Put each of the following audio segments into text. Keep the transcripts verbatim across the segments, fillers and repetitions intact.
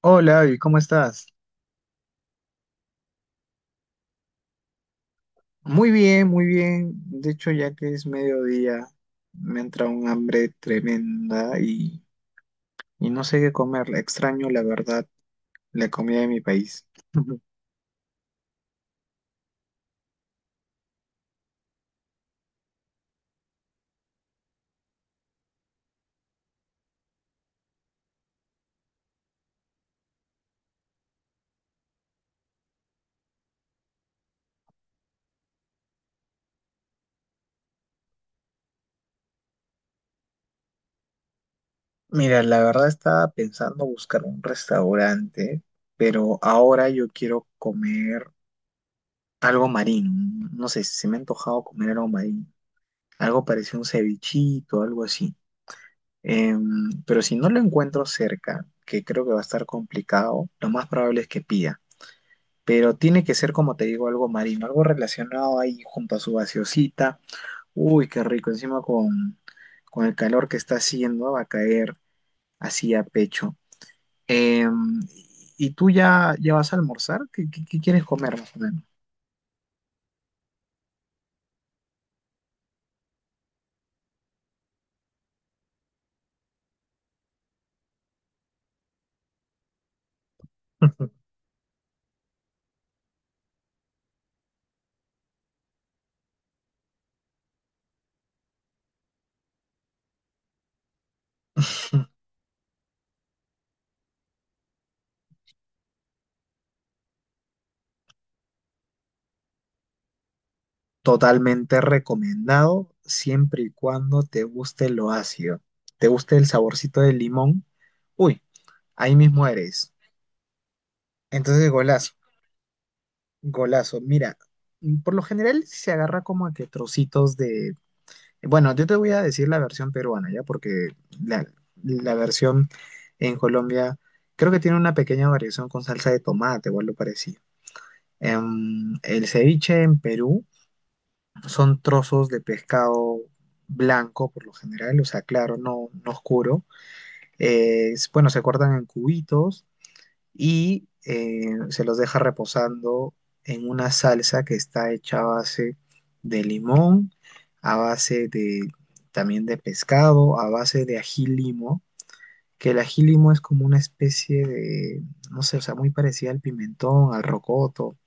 Hola, Abby, ¿cómo estás? Muy bien, muy bien. De hecho, ya que es mediodía, me entra un hambre tremenda y, y no sé qué comer. Extraño, la verdad, la comida de mi país. Mira, la verdad estaba pensando buscar un restaurante, pero ahora yo quiero comer algo marino. No sé, se me ha antojado comer algo marino. Algo parecido a un cevichito, algo así. Em, pero si no lo encuentro cerca, que creo que va a estar complicado, lo más probable es que pida. Pero tiene que ser, como te digo, algo marino, algo relacionado ahí junto a su gaseosita. Uy, qué rico, encima con, con el calor que está haciendo, va a caer así a pecho. Em, ¿y tú ya, ya vas a almorzar? ¿Qué, qué- qué quieres comer más o menos? Totalmente recomendado, siempre y cuando te guste lo ácido, te guste el saborcito del limón. Uy. Ahí mismo eres. Entonces, golazo, golazo. Mira, por lo general sí se agarra como a que trocitos de... Bueno, yo te voy a decir la versión peruana, ¿ya? Porque la, la versión en Colombia creo que tiene una pequeña variación con salsa de tomate o algo parecido. Em, el ceviche en Perú son trozos de pescado blanco por lo general, o sea, claro, no, no oscuro. Eh, bueno, se cortan en cubitos y eh, se los deja reposando en una salsa que está hecha a base de limón, a base de también de pescado, a base de ají limo, que el ají limo es como una especie de, no sé, o sea, muy parecida al pimentón, al rocoto,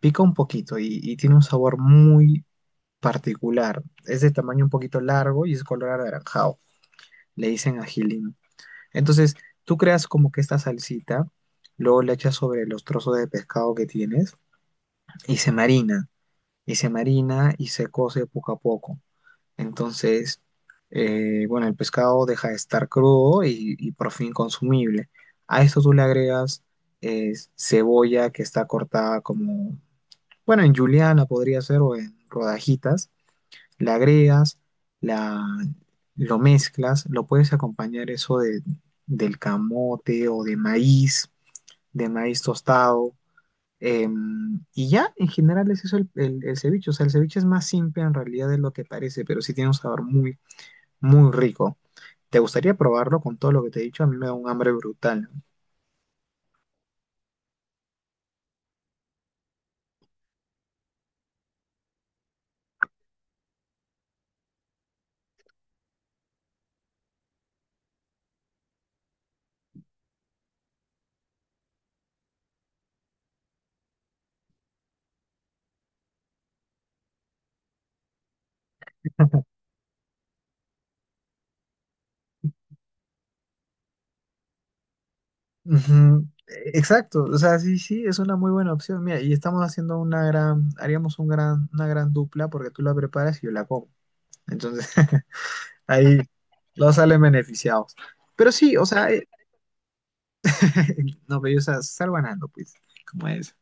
pica un poquito y, y tiene un sabor muy particular, es de tamaño un poquito largo y es color anaranjado, le dicen ají limo. Entonces, tú creas como que esta salsita, luego le echas sobre los trozos de pescado que tienes y se marina, y se marina y se cose poco a poco. Entonces, eh, bueno, el pescado deja de estar crudo y, y por fin consumible. A esto tú le agregas eh, cebolla que está cortada como, bueno, en juliana podría ser o en rodajitas le agregas, la, lo mezclas, lo puedes acompañar eso de, del camote o de maíz, de maíz tostado. em, y ya, en general es eso el, el- el ceviche. O sea, el ceviche es más simple en realidad de lo que parece, pero sí tiene un sabor muy, muy rico. ¿Te gustaría probarlo con todo lo que te he dicho? A mí me da un hambre brutal. Ujú, Exacto, o sea, sí, sí, es una muy buena opción. Mira, y estamos haciendo una gran, haríamos un gran, una gran dupla porque tú la preparas y yo la como. Entonces, Ahí los salen beneficiados. Pero sí, o sea, eh, no, pero o sea, sal ganando, pues, como eso.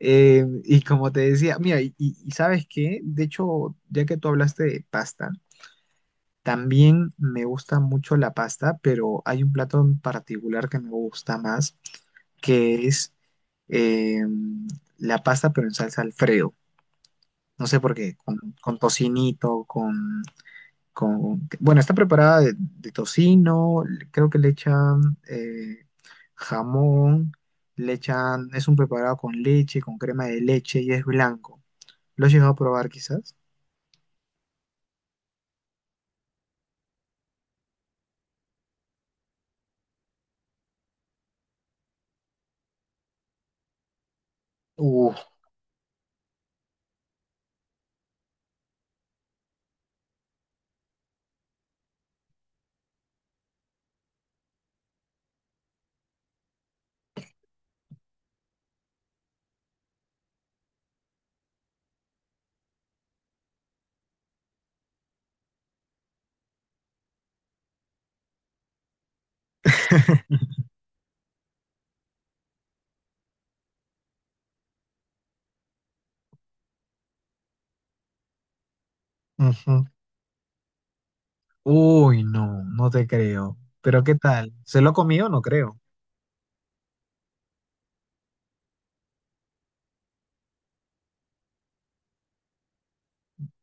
Eh, y como te decía, mira, y, y- y ¿sabes qué? De hecho, ya que tú hablaste de pasta, también me gusta mucho la pasta, pero hay un plato en particular que me gusta más, que es eh, la pasta, pero en salsa Alfredo. No sé por qué, con, con tocinito, con con, bueno, está preparada de, de tocino, creo que le echan eh, jamón, le echan, es un preparado con leche, con crema de leche y es blanco. ¿Lo has llegado a probar quizás? Uh, ujú. Uy, no, no te creo. Pero ¿qué tal? ¿Se lo comió? No creo.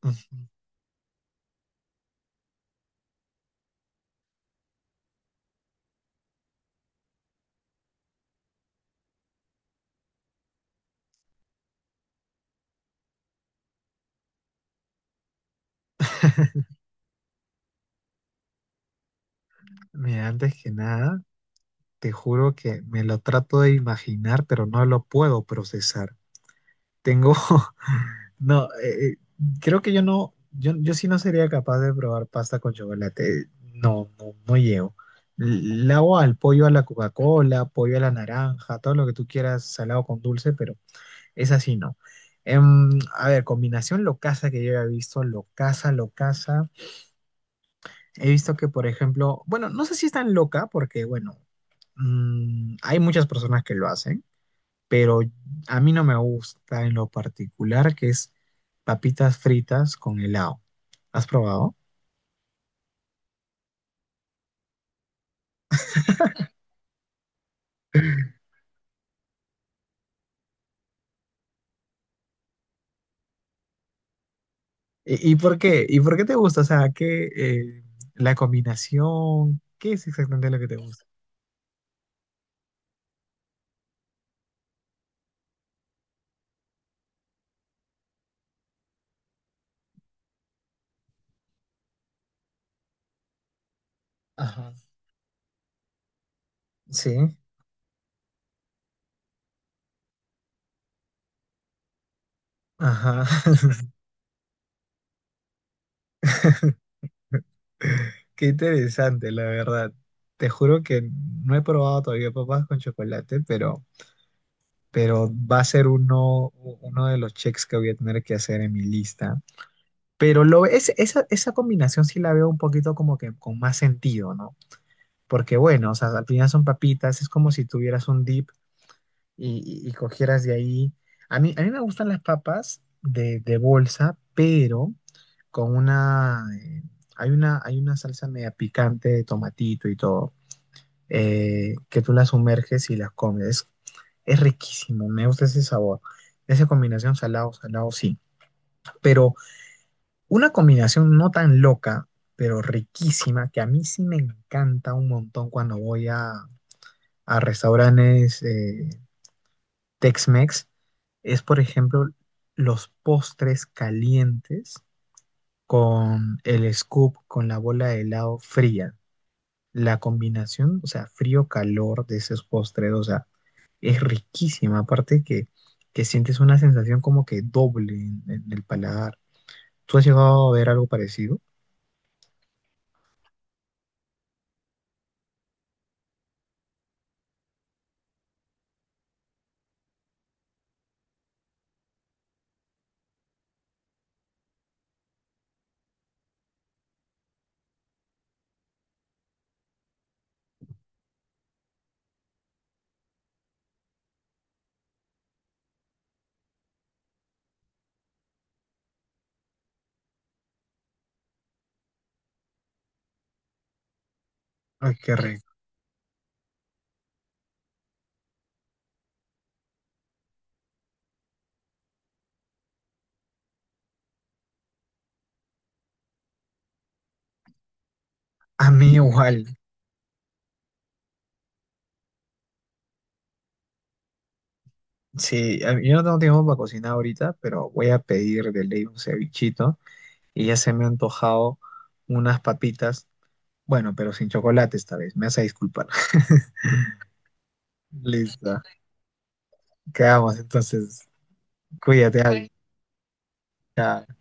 Ujú. Mira, antes que nada, te juro que me lo trato de imaginar, pero no lo puedo procesar. Tengo No, eh, eh, creo que yo no, yo, yo sí no sería capaz de probar pasta con chocolate. No, no, no llego. Le hago al pollo a la Coca-Cola, pollo a la naranja, todo lo que tú quieras, salado con dulce, pero es así, no. Em, a ver, combinación locaza que yo he visto, locaza, locaza. He visto que, por ejemplo, bueno, no sé si es tan loca, porque, bueno, mm, hay muchas personas que lo hacen pero a mí no me gusta en lo particular que es papitas fritas con helado. ¿Has probado? ¿Y, y por qué? ¿Y por qué te gusta? O sea, ¿qué, eh, la combinación? ¿Qué es exactamente lo que te gusta? Ajá. Sí, ajá. Qué interesante, la verdad. Te juro que no he probado todavía papas con chocolate, pero, pero va a ser uno, uno de los checks que voy a tener que hacer en mi lista. Pero lo, es, esa, esa combinación sí la veo un poquito como que con más sentido, ¿no? Porque bueno, o sea, al final son papitas, es como si tuvieras un dip y, y- y cogieras de ahí. A mí, a mí me gustan las papas de, de bolsa, pero con una, eh, hay una, hay una salsa media picante de tomatito y todo, eh, que tú las sumerges y las comes. Es, es riquísimo, me gusta ese sabor. Esa combinación salado, salado, sí. Pero Una combinación no tan loca, pero riquísima, que a mí sí me encanta un montón cuando voy a, a restaurantes eh, Tex-Mex, es por ejemplo los postres calientes con el scoop, con la bola de helado fría. La combinación, o sea, frío-calor de esos postres, o sea, es riquísima. Aparte que, que sientes una sensación como que doble en, en el paladar. ¿Tú has llegado a ver algo parecido? Ay, qué rico. A mí igual, sí, a mí- yo no tengo tiempo para cocinar ahorita, pero voy a pedir de ley un cevichito y ya se me ha antojado unas papitas, bueno, pero sin chocolate esta vez, me vas a disculpar. Listo, quedamos entonces, cuídate, Vale. Chao.